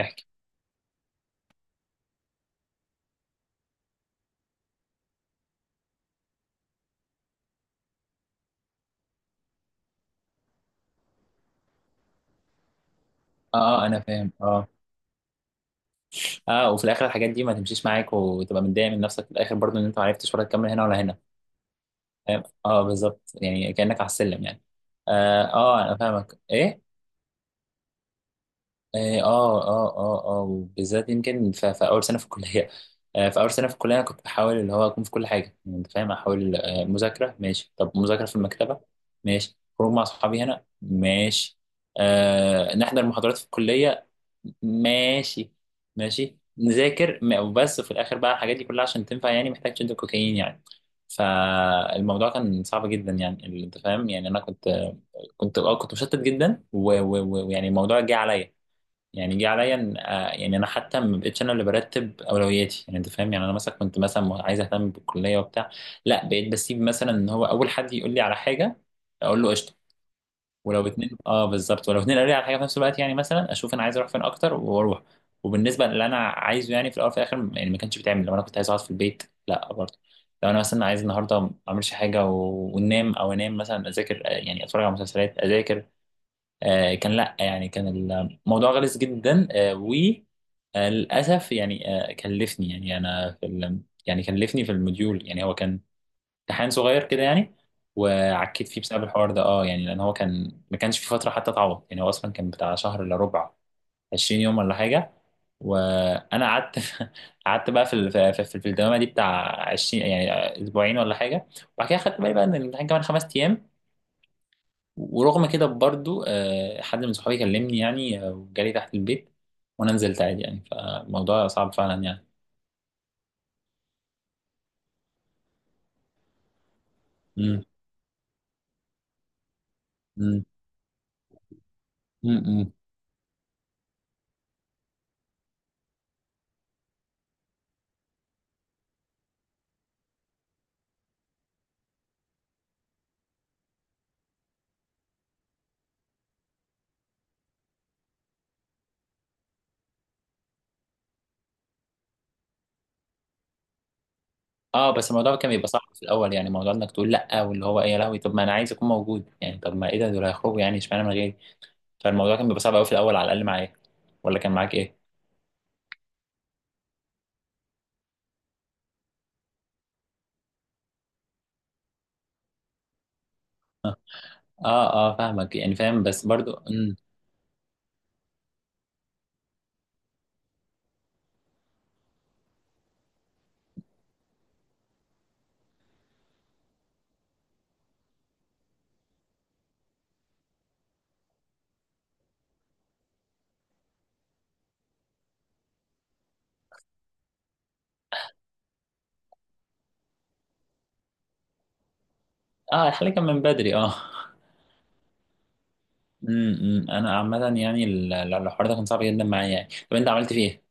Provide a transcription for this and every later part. احكي. اه، انا فاهم. اه اه، وفي الاخر الحاجات دي ما تمشيش معاك وتبقى متضايق من نفسك في الاخر برضو ان انت ما عرفتش ولا تكمل هنا ولا هنا. فاهم اه بالظبط، يعني كانك على السلم يعني. اه, انا فاهمك ايه. اه اه اه اه، وبالذات يمكن في اول سنه في الكليه. في اول سنه في الكليه انا كنت بحاول اللي هو اكون في كل حاجه، يعني انت فاهم، احاول مذاكره ماشي، طب مذاكره في المكتبه ماشي، خروج مع اصحابي هنا ماشي، آه نحضر محاضرات في الكليه ماشي، ماشي نذاكر وبس. في الاخر بقى الحاجات دي كلها عشان تنفع يعني محتاج شد كوكايين يعني. فالموضوع كان صعب جدا، يعني انت فاهم، يعني انا كنت اه كنت مشتت جدا و- و- و- ويعني الموضوع جه عليا، يعني جه عليا يعني انا حتى ما بقتش انا اللي برتب اولوياتي يعني انت فاهم، يعني انا مثلا كنت مثلا عايز اهتم بالكليه وبتاع. لا بقيت بسيب مثلا ان هو اول حد يقول لي على حاجه اقول له قشطه. ولو اتنين، اه بالظبط، ولو اتنين قالوا لي على حاجه في نفس الوقت يعني مثلا اشوف انا عايز اروح فين اكتر واروح. وبالنسبه اللي انا عايزه يعني في الاول وفي الاخر يعني ما كانش بيتعمل، لو انا كنت عايز اقعد في البيت لا برضه. لو انا مثلا عايز النهارده ما اعملش حاجه وننام، او انام مثلا، اذاكر، يعني اتفرج على مسلسلات، اذاكر، كان لا يعني، كان الموضوع غلس جدا. وللاسف يعني، كلفني، يعني انا في يعني كلفني في الموديول يعني. هو كان امتحان صغير كده يعني، وعكيت فيه بسبب الحوار ده اه، يعني لان هو كان ما كانش في فتره حتى تعوض، يعني هو اصلا كان بتاع شهر الا ربع، 20 يوم ولا حاجه. وانا قعدت، قعدت بقى في في الدوامه دي بتاع 20 يعني، اسبوعين ولا حاجه. وبعد كده خدت بالي بقى ان الامتحان كمان 5 ايام. ورغم كده برضو، حد من صحابي كلمني يعني، وجالي تحت البيت، وانا نزلت عادي يعني. فالموضوع صعب فعلا يعني. امم. امم. امم امم. اه بس الموضوع كان بيبقى صعب في الاول، يعني موضوع انك تقول لا، واللي هو ايه يا لهوي، طب ما انا عايز اكون موجود يعني، طب ما ايه ده، دول هيخرجوا يعني، اشمعنى من غيري. فالموضوع كان بيبقى صعب قوي في الاول، على الاقل معايا. ولا كان معاك ايه؟ اه اه، فاهمك، يعني فاهم بس برضو. امم. اه الحل كان من بدري اه. أمم. انا عامه يعني الحوار ده كان صعب جدا معايا يعني. طب انت عملت فيه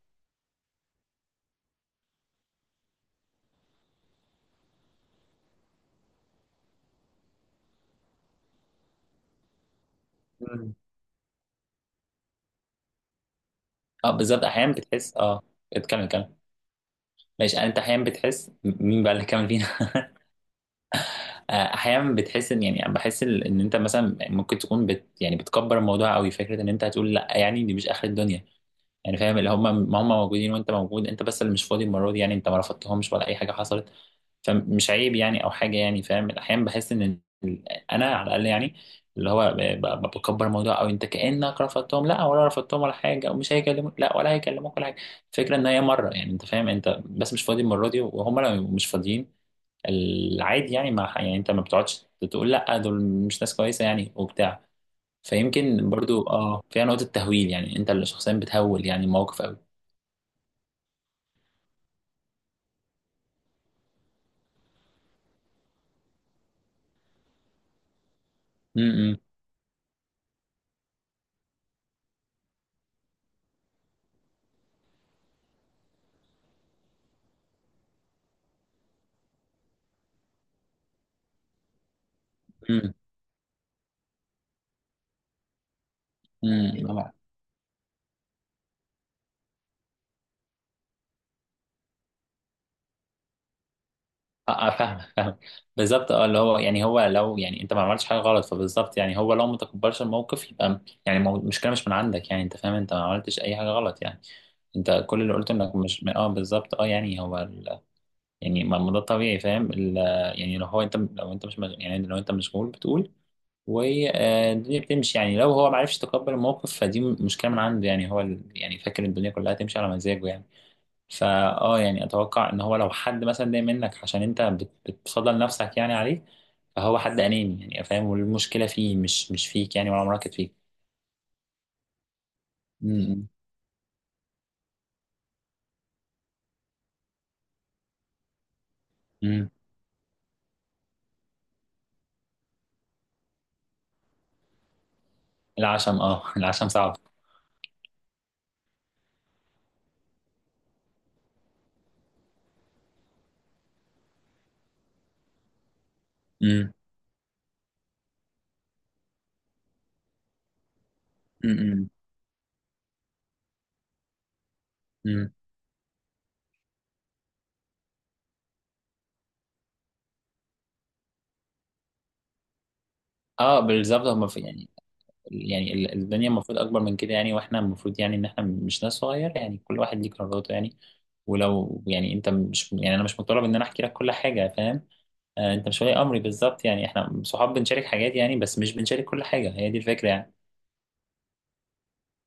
ايه؟ اه بالظبط، احيانا بتحس اه، اتكمل كمل. ماشي يعني، انت احيانا بتحس مين بقى اللي كمل فينا؟ احيانا بتحس ان، يعني بحس ان انت مثلا ممكن تكون يعني بتكبر الموضوع قوي، فكره ان انت هتقول لا، يعني دي مش اخر الدنيا يعني. فاهم اللي هم، ما هم موجودين وانت موجود، انت بس اللي مش فاضي المره دي يعني، انت ما رفضتهمش ولا اي حاجه حصلت. فمش عيب يعني او حاجه يعني. فاهم، احيانا بحس ان انا على الاقل يعني، اللي هو بكبر الموضوع، او انت كانك رفضتهم لا، ولا رفضتهم ولا حاجه، ومش هيكلموك لا، ولا هيكلموك ولا حاجه. الفكره ان هي مره يعني، انت فاهم، انت بس مش فاضي المره دي، وهم لو مش فاضيين العادي يعني، ما يعني انت ما بتقعدش تقول لا، دول مش ناس كويسه يعني، وبتاع. فيمكن برضو اه فيها نقطه تهويل، يعني انت اللي شخصيا بتهول يعني الموقف قوي. امم. امم. امم. طبعا. اه، فاهم فاهم. بالظبط اه، اللي هو يعني هو لو، يعني انت ما عملتش حاجه غلط، فبالظبط يعني هو لو ما تكبرش الموقف، يبقى المشكله مش من عندك، يعني انت فاهم، انت ما عملتش اي حاجه غلط يعني. انت كل اللي قلته انك مش اه بالظبط اه، يعني هو ال... يعني ما ده طبيعي، فاهم ال... يعني لو هو، انت لو انت يعني لو انت مشغول بتقول، والدنيا بتمشي يعني. لو هو ما عرفش يتقبل الموقف فدي مشكله من عنده يعني، هو ال... يعني فاكر الدنيا كلها تمشي على مزاجه يعني. فا اه يعني اتوقع ان هو لو حد مثلا ضايق منك عشان انت بتفضل نفسك يعني عليه، فهو حد اناني يعني فاهم، والمشكله فيه مش فيك يعني، ولا مراكز فيك. امم. امم. العشم اه، العشم صعب. امم. امم. امم. اه بالظبط، هم في يعني، يعني الدنيا المفروض اكبر من كده يعني، واحنا المفروض يعني ان احنا مش ناس صغيره يعني، كل واحد ليه قراراته يعني. ولو يعني انت مش، يعني انا مش مطالب ان انا احكي لك كل حاجه فاهم. انت مش ولي امري بالظبط يعني، احنا صحاب بنشارك حاجات يعني، بس مش بنشارك كل حاجه، هي دي الفكره يعني.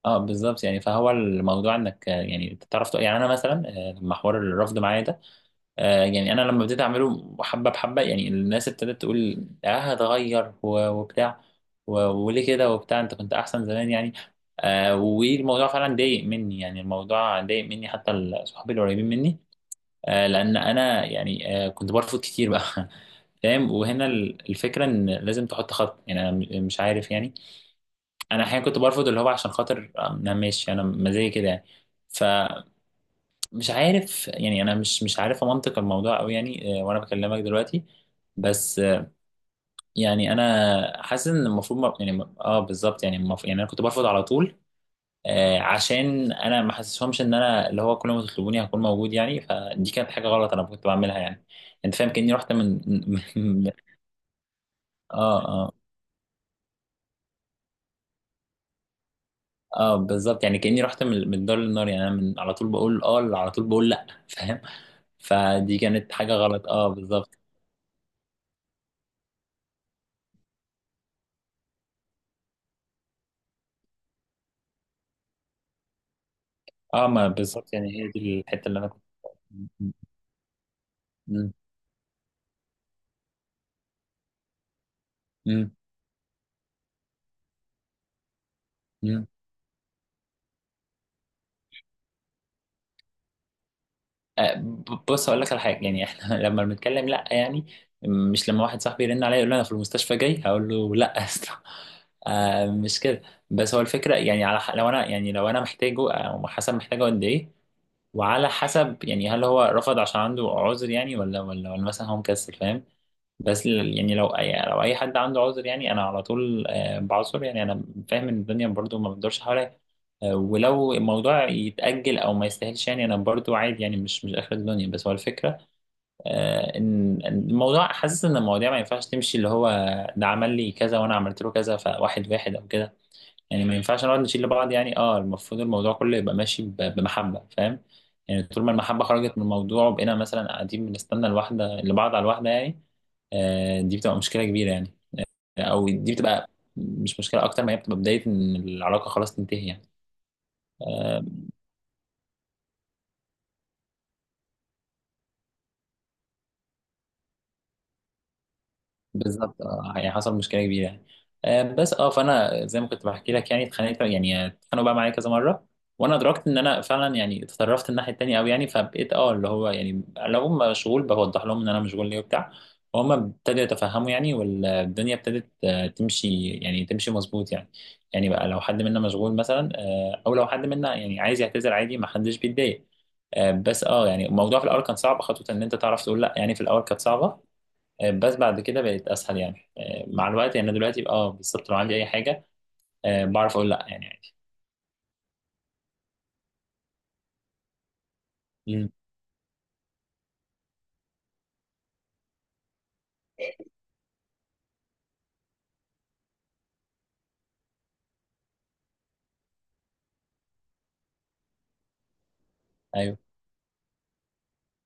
اه بالظبط يعني، فهو الموضوع انك يعني تعرف يعني انا مثلا لما حوار الرفض معايا ده، يعني انا لما ابتديت اعمله حبه بحبه يعني، الناس ابتدت تقول اه هتغير وبتاع، وليه كده وبتاع، انت كنت احسن زمان يعني. آه والموضوع فعلا ضايق مني يعني، الموضوع ضايق مني حتى صحابي القريبين مني، لان انا يعني كنت برفض كتير بقى. فاهم. وهنا الفكره ان لازم تحط خط يعني، انا مش عارف يعني. انا احيانا كنت برفض اللي هو عشان خاطر انا ماشي انا مزاجي كده يعني. فمش عارف يعني انا مش عارف منطق الموضوع قوي يعني، وانا بكلمك دلوقتي بس. يعني انا حاسس ان المفروض يعني اه بالظبط يعني، المفروض يعني انا كنت برفض على طول، عشان انا ما حسسهمش ان انا اللي هو كل ما تطلبوني هكون موجود يعني، فدي كانت حاجه غلط انا كنت بعملها يعني، انت فاهم كاني رحت من، من- اه اه اه بالظبط، يعني كاني رحت من من الدار للنار، يعني انا من على طول بقول اه، على طول بقول لا. فاهم، فدي كانت حاجه غلط اه بالظبط. اه ما بالظبط، يعني هي دي الحته اللي انا كنت م- م- م- م- بص، هقول لك على حاجه يعني، احنا لما بنتكلم لا يعني، مش لما واحد صاحبي يرن عليا يقول لي انا في المستشفى جاي هقول له لا، يا اسطى. مش كده. بس هو الفكره يعني على لو انا يعني لو انا محتاجه، او حسب محتاجه قد ايه، وعلى حسب يعني هل هو رفض عشان عنده عذر يعني، ولا ولا ولا مثلا هو مكسل، فاهم. بس يعني لو اي، لو اي حد عنده عذر يعني انا على طول، بعذر يعني. انا فاهم ان الدنيا برضو ما بتدورش حواليا، ولو الموضوع يتأجل او ما يستاهلش يعني، انا برضو عادي يعني، مش اخر الدنيا. بس هو الفكرة، آه، ان إن الموضوع، حاسس ان المواضيع ما ينفعش تمشي اللي هو ده عمل لي كذا وانا عملت له كذا، فواحد واحد او كده يعني، ما ينفعش نقعد نشيل لبعض يعني. اه المفروض الموضوع كله يبقى ماشي بمحبة فاهم. يعني طول ما المحبة خرجت من الموضوع، وبقينا مثلا قاعدين بنستنى الواحدة لبعض على الواحدة يعني، آه دي بتبقى مشكلة كبيرة يعني، او دي بتبقى مش مشكلة اكتر ما هي بتبقى بداية ان العلاقة خلاص تنتهي يعني. آه، بالظبط اه، يعني حصل مشكله كبيره يعني، بس اه فانا زي ما كنت بحكي لك يعني، اتخانقت يعني اتخانقوا بقى معايا كذا مره. وانا ادركت ان انا فعلا يعني اتطرفت الناحيه التانيه قوي يعني، فبقيت اه اللي هو يعني لو هم مشغول بوضح لهم ان انا مشغول ليه وبتاع. وهم ابتدوا يتفهموا يعني، والدنيا ابتدت، تمشي يعني، تمشي مظبوط يعني. يعني بقى لو حد منا مشغول مثلا، او لو حد منا يعني عايز يعتذر عادي، ما حدش بيتضايق. بس اه يعني الموضوع في الاول كان صعب خطوه ان انت تعرف تقول لا، يعني في الاول كانت صعبه، بس بعد كده بقت اسهل يعني، مع الوقت يعني. أنا دلوقتي اه بالظبط لو عندي اي حاجه، بعرف اقول لا يعني، عادي. امم، ايوه.